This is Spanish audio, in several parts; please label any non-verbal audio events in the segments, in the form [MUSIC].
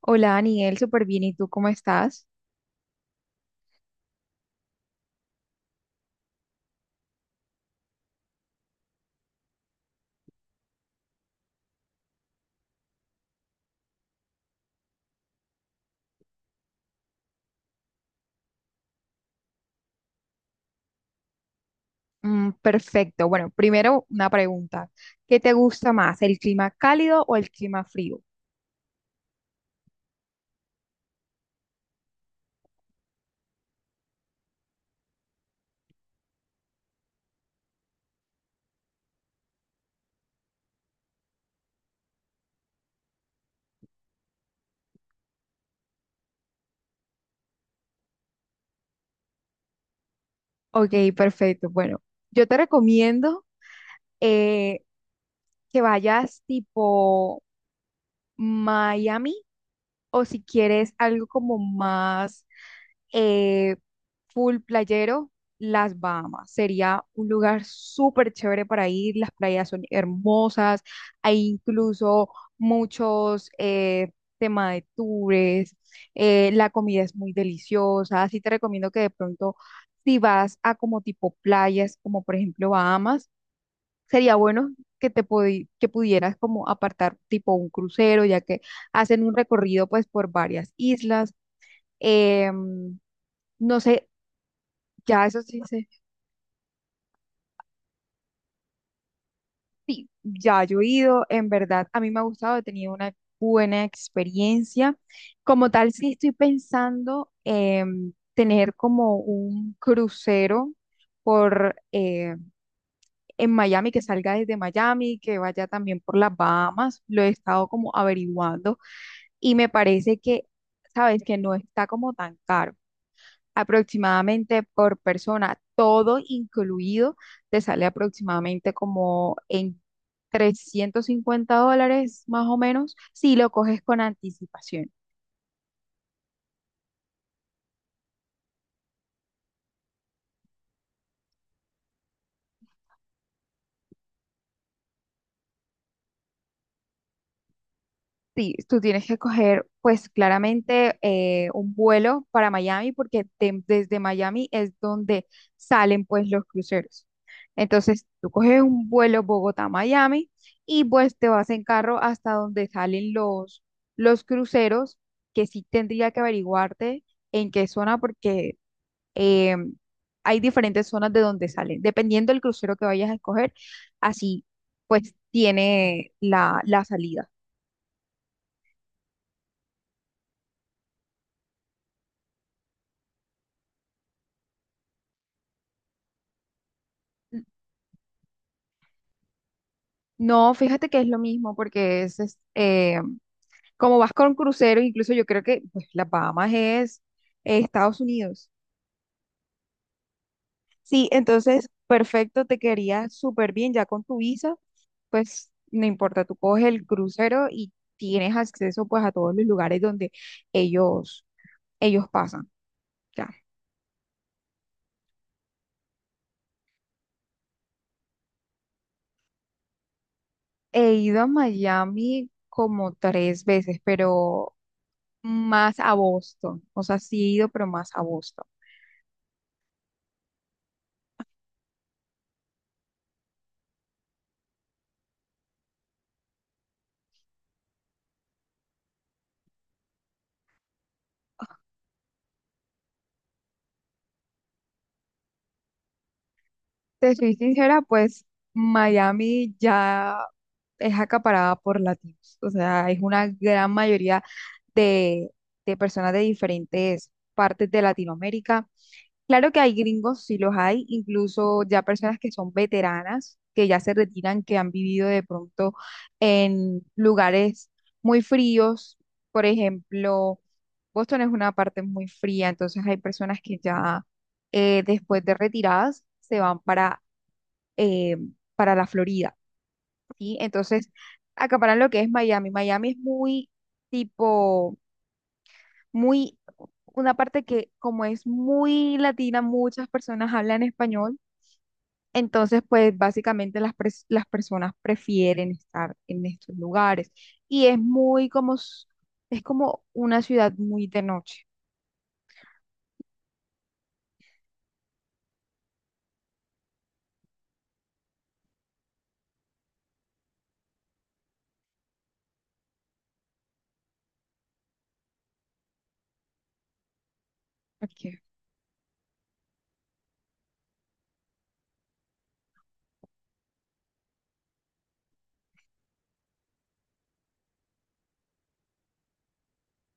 Hola, Daniel, súper bien. ¿Y tú cómo estás? Mm, perfecto. Bueno, primero una pregunta. ¿Qué te gusta más, el clima cálido o el clima frío? Ok, perfecto. Bueno, yo te recomiendo eh, que vayas tipo Miami o si quieres algo como más eh, full playero, las Bahamas. Sería un lugar súper chévere para ir, las playas son hermosas, hay incluso muchos temas de tours, la comida es muy deliciosa, así te recomiendo que de pronto si vas a como tipo playas, como por ejemplo Bahamas, sería bueno que que pudieras como apartar tipo un crucero, ya que hacen un recorrido pues por varias islas. Em, no sé, ya eso sí, sí, ya yo he ido, en verdad, a mí me ha gustado, he tenido una buena experiencia. Como tal, sí estoy pensando tener como un crucero por en Miami, que salga desde Miami, que vaya también por las Bahamas, lo he estado como averiguando y me parece que, sabes, que no está como tan caro. Aproximadamente por persona, todo incluido, te sale aproximadamente como en $350 más o menos si lo coges con anticipación. Sí, tú tienes que coger, pues claramente, un vuelo para Miami desde Miami es donde salen pues los cruceros. Entonces, tú coges un vuelo Bogotá-Miami y pues te vas en carro hasta donde salen los cruceros, que sí tendría que averiguarte en qué zona porque eh, hay diferentes zonas de donde salen. Dependiendo del crucero que vayas a escoger, así pues tiene la salida. No, fíjate que es lo mismo, porque es, como vas con crucero, incluso yo creo que pues, las Bahamas es Estados Unidos. Sí, entonces, perfecto, te quedaría súper bien ya con tu visa, pues no importa, tú coges el crucero y tienes acceso pues a todos los lugares donde ellos, ellos pasan. Ya. He ido a Miami como tres veces, pero más a Boston, o sea, sí he ido, pero más a Boston. Te soy sincera, pues Miami ya es acaparada por latinos, o sea, es una gran mayoría de, de personas de diferentes partes de Latinoamérica. Claro que hay gringos, sí los hay, incluso ya personas que son veteranas, que ya se retiran, que han vivido de pronto en lugares muy fríos, por ejemplo, Boston es una parte muy fría, entonces hay personas que ya después de retiradas se van eh, para la Florida, ¿sí? Entonces, acaparan lo que es Miami. Miami es muy tipo, muy, una parte que como es muy latina, muchas personas hablan español. Entonces, pues básicamente las personas prefieren estar en estos lugares y es muy como, es como una ciudad muy de noche. Okay,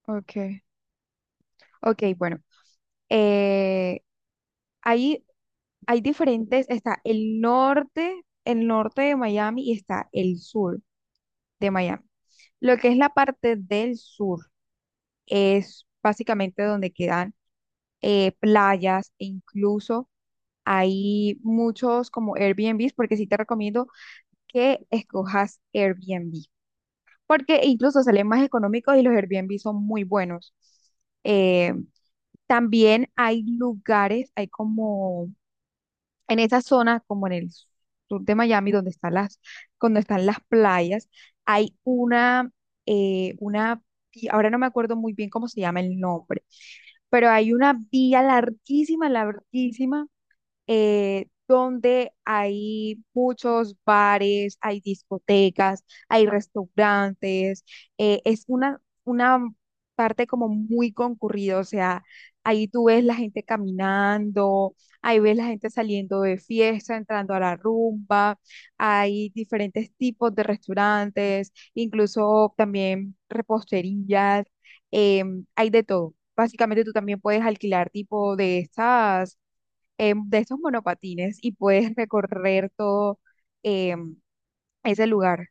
ok. Ok, bueno, eh, ahí hay diferentes, está el norte de Miami y está el sur de Miami. Lo que es la parte del sur es básicamente donde quedan playas e incluso hay muchos como Airbnbs, porque sí te recomiendo que escojas Airbnb, porque incluso salen más económicos y los Airbnb son muy buenos. Eh, también hay lugares, hay como en esa zona, como en el sur de Miami, donde están las, cuando están las playas, hay eh, una, ahora no me acuerdo muy bien cómo se llama el nombre, pero hay una vía larguísima, larguísima donde hay muchos bares, hay discotecas, hay restaurantes, es una parte como muy concurrida, o sea, ahí tú ves la gente caminando, ahí ves la gente saliendo de fiesta, entrando a la rumba, hay diferentes tipos de restaurantes, incluso también reposterías, hay de todo. Básicamente tú también puedes alquilar tipo de estas de estos monopatines y puedes recorrer todo em, ese lugar.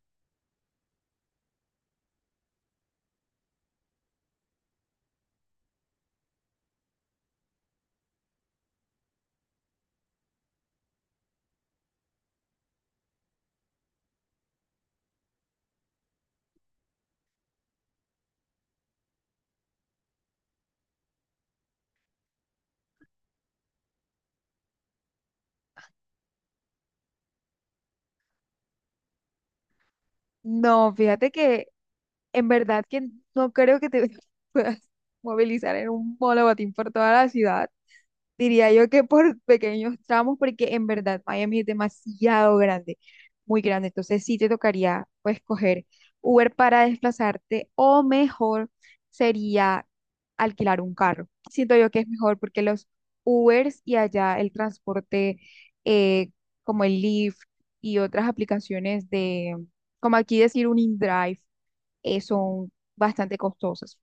No, fíjate que en verdad que no creo que te [LAUGHS] puedas movilizar en un monopatín por toda la ciudad. Diría yo que por pequeños tramos, porque en verdad Miami es demasiado grande, muy grande. Entonces sí te tocaría pues coger Uber para desplazarte o mejor sería alquilar un carro. Siento yo que es mejor porque los Ubers y allá el transporte eh, como el Lyft y otras aplicaciones de, como aquí decir un InDrive, son bastante costosas.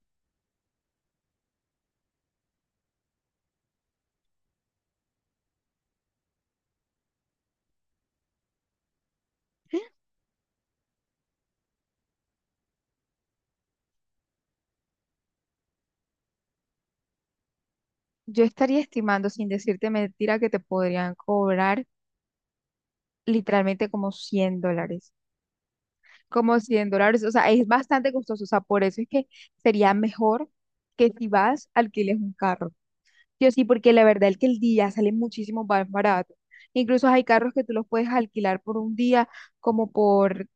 Yo estaría estimando, sin decirte mentira, que te podrían cobrar literalmente como $100, como $100, o sea, es bastante costoso, o sea, por eso es que sería mejor que si vas, alquiles un carro. Yo sí, porque la verdad es que el día sale muchísimo más barato. Incluso hay carros que tú los puedes alquilar por un día como por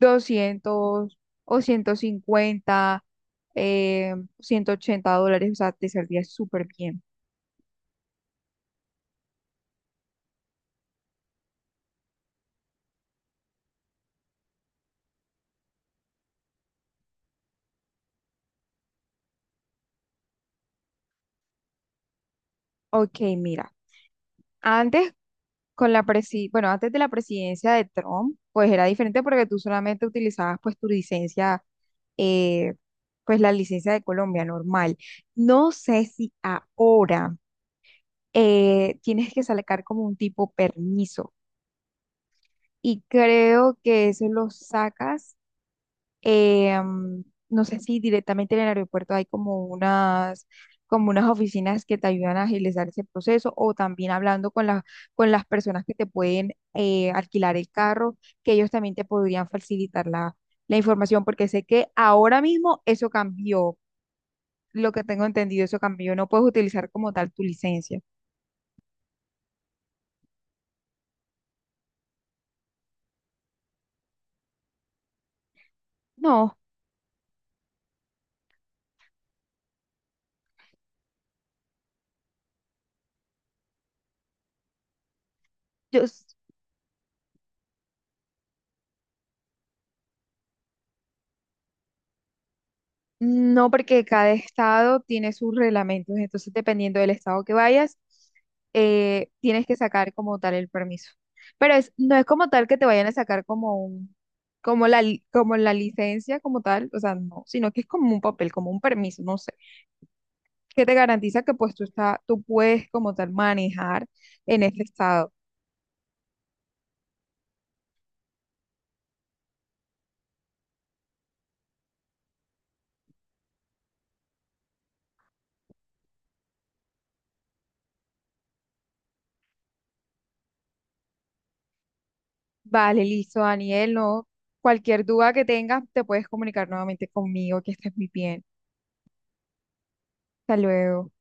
200 o 150, $180, o sea, te saldría súper bien. Ok, mira, antes con la presi, bueno, antes de la presidencia de Trump, pues era diferente porque tú solamente utilizabas pues tu licencia, eh, pues la licencia de Colombia normal. No sé si ahora tienes que sacar como un tipo permiso y creo que eso lo sacas eh, mm, no sé si directamente en el aeropuerto hay como unas oficinas que te ayudan a agilizar ese proceso o también hablando con las personas que te pueden alquilar el carro, que ellos también te podrían facilitar la información, porque sé que ahora mismo eso cambió, lo que tengo entendido, eso cambió, no puedes utilizar como tal tu licencia. No, yo, no, porque cada estado tiene sus reglamentos, entonces dependiendo del estado que vayas, tienes que sacar como tal el permiso. Pero es, no es como tal que te vayan a sacar como un, como como la licencia como tal, o sea, no, sino que es como un papel, como un permiso, no sé, que te garantiza que pues tú está, tú puedes como tal manejar en este estado. Vale, listo, Daniel, no, cualquier duda que tengas, te puedes comunicar nuevamente conmigo, que estés muy bien. Hasta luego.